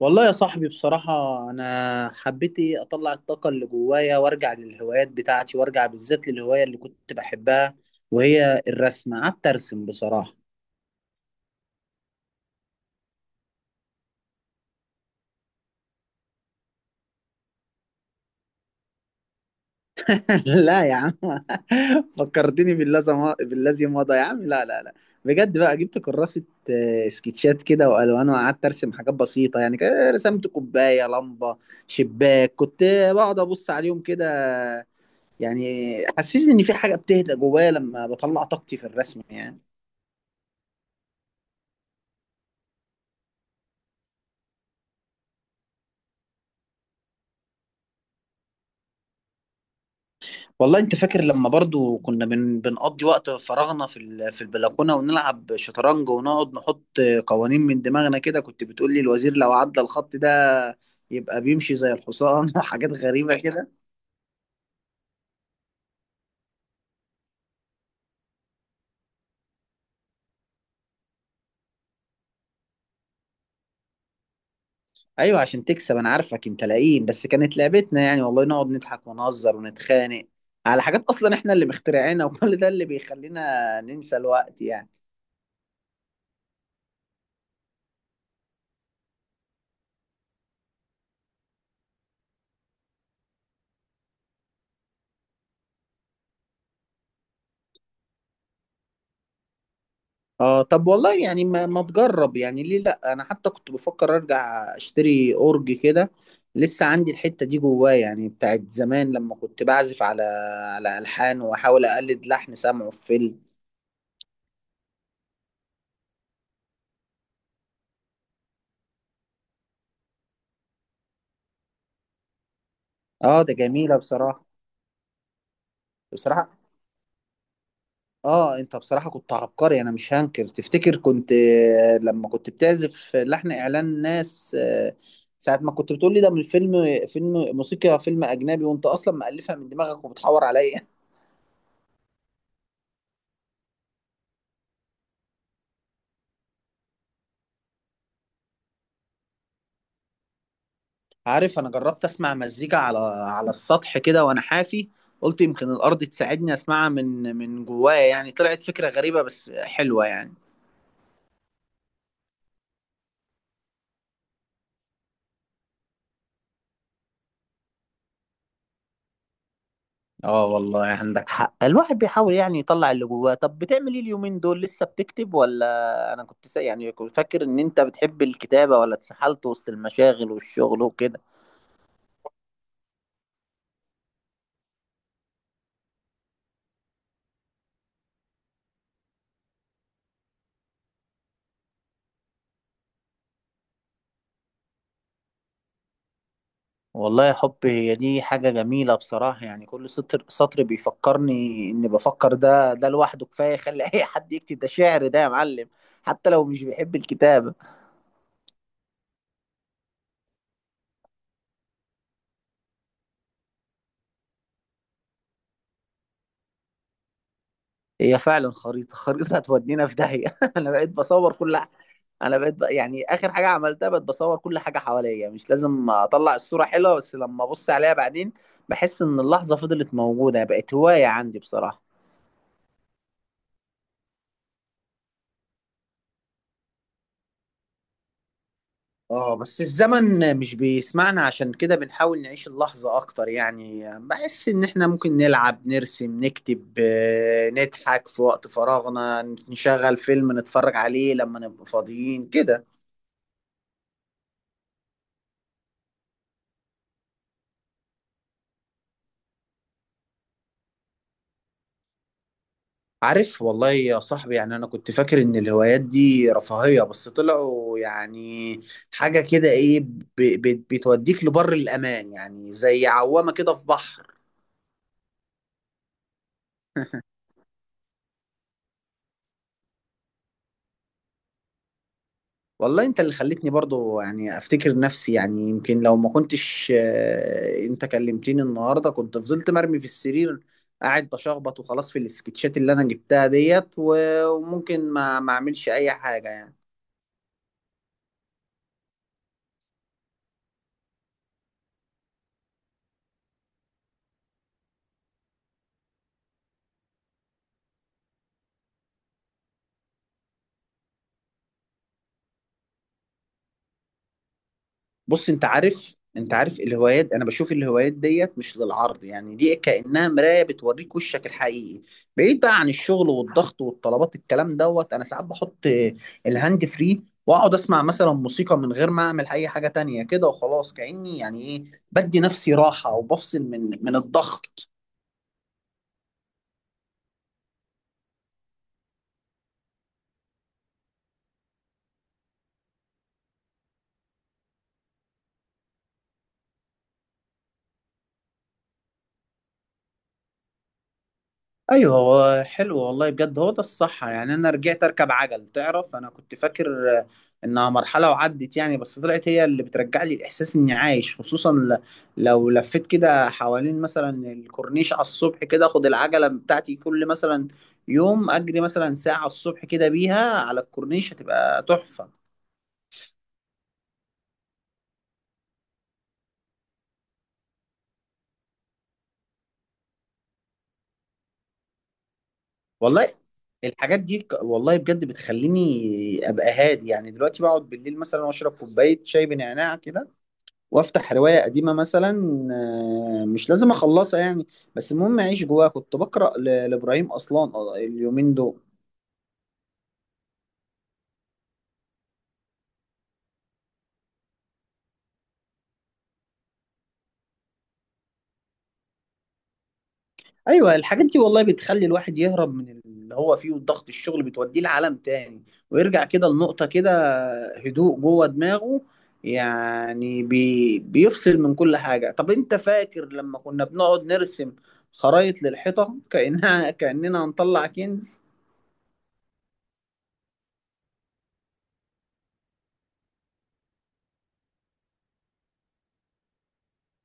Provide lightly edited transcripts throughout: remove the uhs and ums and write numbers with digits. والله يا صاحبي بصراحة، أنا حبيت أطلع الطاقة اللي جوايا وأرجع للهوايات بتاعتي وأرجع بالذات للهواية اللي كنت بحبها، وهي الرسم. قعدت أرسم بصراحة. لا يا عم. فكرتني بالذي مضى يا عم، لا لا لا. بجد بقى جبت كراسة، سكتشات كده وألوان، وقعدت أرسم حاجات بسيطة، يعني كده رسمت كوباية، لمبة، شباك. كنت بقعد أبص عليهم كده. يعني حسيت إن في حاجة بتهدى جوايا لما بطلع طاقتي في الرسم يعني. والله انت فاكر لما برضو كنا بنقضي وقت فراغنا في البلكونه، ونلعب شطرنج، ونقعد نحط قوانين من دماغنا كده؟ كنت بتقول لي الوزير لو عدى الخط ده يبقى بيمشي زي الحصان وحاجات غريبه كده. ايوه عشان تكسب، انا عارفك انت لئيم، بس كانت لعبتنا يعني. والله نقعد نضحك ونهزر ونتخانق على حاجات اصلا احنا اللي مخترعينها وكل ده اللي بيخلينا ننسى الوقت يعني. اه طب والله يعني ما تجرب يعني؟ ليه لا؟ انا حتى كنت بفكر ارجع اشتري اورج كده. لسه عندي الحتة دي جواه يعني، بتاعت زمان لما كنت بعزف على على الحان، واحاول اقلد لحن سمعه في فيلم. اه ده جميلة بصراحة، بصراحة. اه انت بصراحة كنت عبقري، انا مش هنكر. تفتكر كنت لما كنت بتعزف لحن اعلان ناس، ساعة ما كنت بتقول لي ده من فيلم، فيلم موسيقى، فيلم اجنبي، وانت اصلا مألفها من دماغك وبتحور عليا. عارف انا جربت اسمع مزيكا على على السطح كده وانا حافي؟ قلت يمكن الارض تساعدني اسمعها من جوايا يعني. طلعت فكرة غريبة بس حلوة يعني. اه والله عندك حق، الواحد بيحاول يعني يطلع اللي جواه. طب بتعمل ايه اليومين دول؟ لسه بتكتب ولا؟ انا كنت يعني كنت فاكر ان انت بتحب الكتابة، ولا اتسحلت وسط المشاغل والشغل وكده؟ والله يا حب هي دي حاجة جميلة بصراحة. يعني كل سطر، سطر بيفكرني إني بفكر. ده لوحده كفاية يخلي أي حد يكتب. ده شعر ده يا معلم، حتى لو مش بيحب الكتابة. هي فعلا خريطة هتودينا في داهية. أنا بقيت بصور كل أنا بقيت يعني آخر حاجة عملتها بقيت بصور كل حاجة حواليا. مش لازم أطلع الصورة حلوة، بس لما أبص عليها بعدين بحس إن اللحظة فضلت موجودة. بقت هواية عندي بصراحة. اه بس الزمن مش بيسمعنا، عشان كده بنحاول نعيش اللحظة اكتر يعني. بحس ان احنا ممكن نلعب، نرسم، نكتب، نضحك في وقت فراغنا، نشغل فيلم نتفرج عليه لما نبقى فاضيين كده. عارف والله يا صاحبي يعني انا كنت فاكر ان الهوايات دي رفاهية، بس طلعوا يعني حاجة كده ايه بتوديك لبر الامان يعني، زي عوامة كده في بحر. والله انت اللي خلتني برضو يعني افتكر نفسي. يعني يمكن لو ما كنتش انت كلمتني النهارده، كنت فضلت مرمي في السرير قاعد بشخبط وخلاص في السكتشات اللي انا جبتها ديت، وممكن ما اعملش اي حاجة يعني. بص انت عارف، انت عارف الهوايات، انا بشوف الهوايات ديت مش للعرض يعني، دي كأنها مراية بتوريك وشك الحقيقي بعيد بقى عن الشغل والضغط والطلبات الكلام دوت. انا ساعات بحط الهاند فري واقعد اسمع مثلا موسيقى من غير ما اعمل اي حاجة تانية كده وخلاص، كأني يعني ايه بدي نفسي راحة، وبفصل من الضغط. ايوه هو حلو والله بجد، هو ده الصح يعني. انا رجعت اركب عجل. تعرف انا كنت فاكر انها مرحله وعدت يعني، بس طلعت هي اللي بترجع لي الاحساس اني عايش. خصوصا لو لفيت كده حوالين مثلا الكورنيش على الصبح كده، اخد العجله بتاعتي كل مثلا يوم اجري مثلا ساعه الصبح كده بيها على الكورنيش، هتبقى تحفه. والله الحاجات دي والله بجد بتخليني ابقى هادي يعني. دلوقتي بقعد بالليل مثلا واشرب كوبايه شاي بنعناع كده، وافتح روايه قديمه مثلا. مش لازم اخلصها يعني، بس المهم اعيش جواها. كنت بقرا لابراهيم اصلان اليومين دول. ايوه الحاجات دي والله بتخلي الواحد يهرب من اللي هو فيه وضغط الشغل، بتوديه لعالم تاني، ويرجع كده لنقطه كده هدوء جوه دماغه. يعني بيفصل من كل حاجه. طب انت فاكر لما كنا بنقعد نرسم خرايط للحيطه كانها كاننا هنطلع كنز؟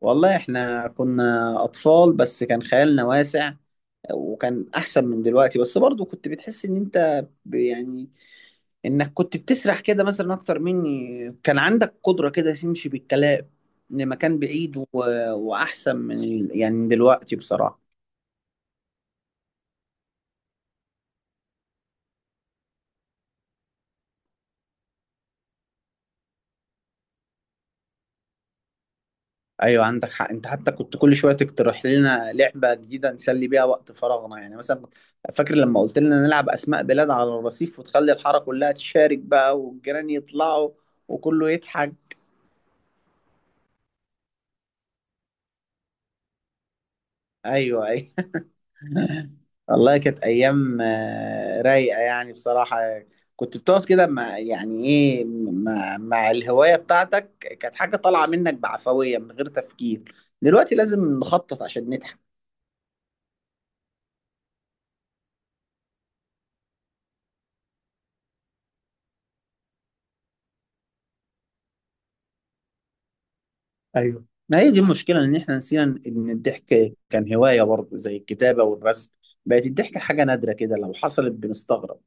والله احنا كنا اطفال بس كان خيالنا واسع، وكان احسن من دلوقتي. بس برضو كنت بتحس ان انت يعني انك كنت بتسرح كده مثلا اكتر مني، كان عندك قدرة كده تمشي بالكلام لمكان بعيد واحسن يعني من دلوقتي بصراحة. ايوه عندك حق، انت حتى كنت كل شويه تقترح لنا لعبه جديده نسلي بيها وقت فراغنا يعني. مثلا فاكر لما قلت لنا نلعب اسماء بلاد على الرصيف، وتخلي الحاره كلها تشارك بقى، والجيران يطلعوا وكله يضحك؟ ايوه ايوه. والله كانت ايام رايقه يعني بصراحه. كنت بتقعد كده مع يعني ايه مع الهوايه بتاعتك. كانت حاجه طالعه منك بعفويه من غير تفكير، دلوقتي لازم نخطط عشان نضحك. ايوه ما هي دي المشكله، ان احنا نسينا ان الضحك كان هوايه برضه زي الكتابه والرسم. بقت الضحكه حاجه نادره كده، لو حصلت بنستغرب.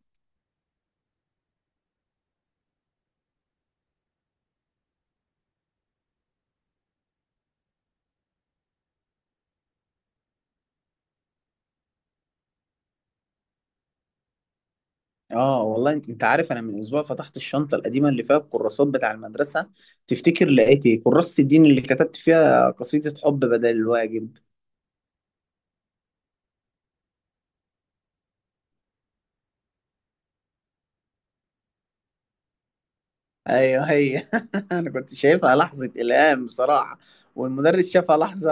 اه والله، انت عارف، انا من اسبوع فتحت الشنطه القديمه اللي فيها الكراسات بتاع المدرسه. تفتكر لقيت ايه؟ كراسه الدين اللي كتبت فيها قصيده حب بدل الواجب. ايوه هي. انا كنت شايفها لحظه الهام بصراحه، والمدرس شافها لحظه،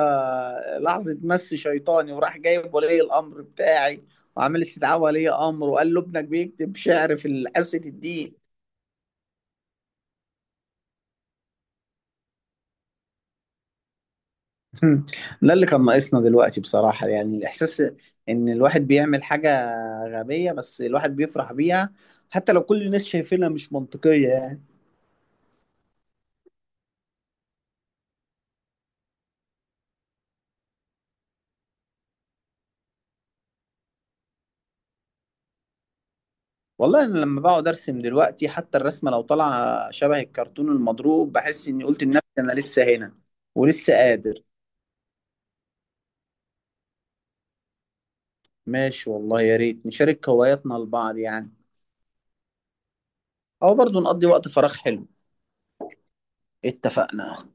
لحظه مس شيطاني، وراح جايب ولي الامر بتاعي، وعمل استدعاء ولي امر وقال له ابنك بيكتب شعر في حصه الدين. مم. ده اللي كان ناقصنا دلوقتي بصراحة، يعني الإحساس إن الواحد بيعمل حاجة غبية بس الواحد بيفرح بيها، حتى لو كل الناس شايفينها مش منطقية يعني. والله أنا لما بقعد أرسم دلوقتي، حتى الرسمة لو طالعة شبه الكرتون المضروب، بحس إني قلت لنفسي أنا لسه هنا ولسه قادر. ماشي والله، يا ريت نشارك هواياتنا لبعض يعني. أو برضو نقضي وقت فراغ حلو. اتفقنا.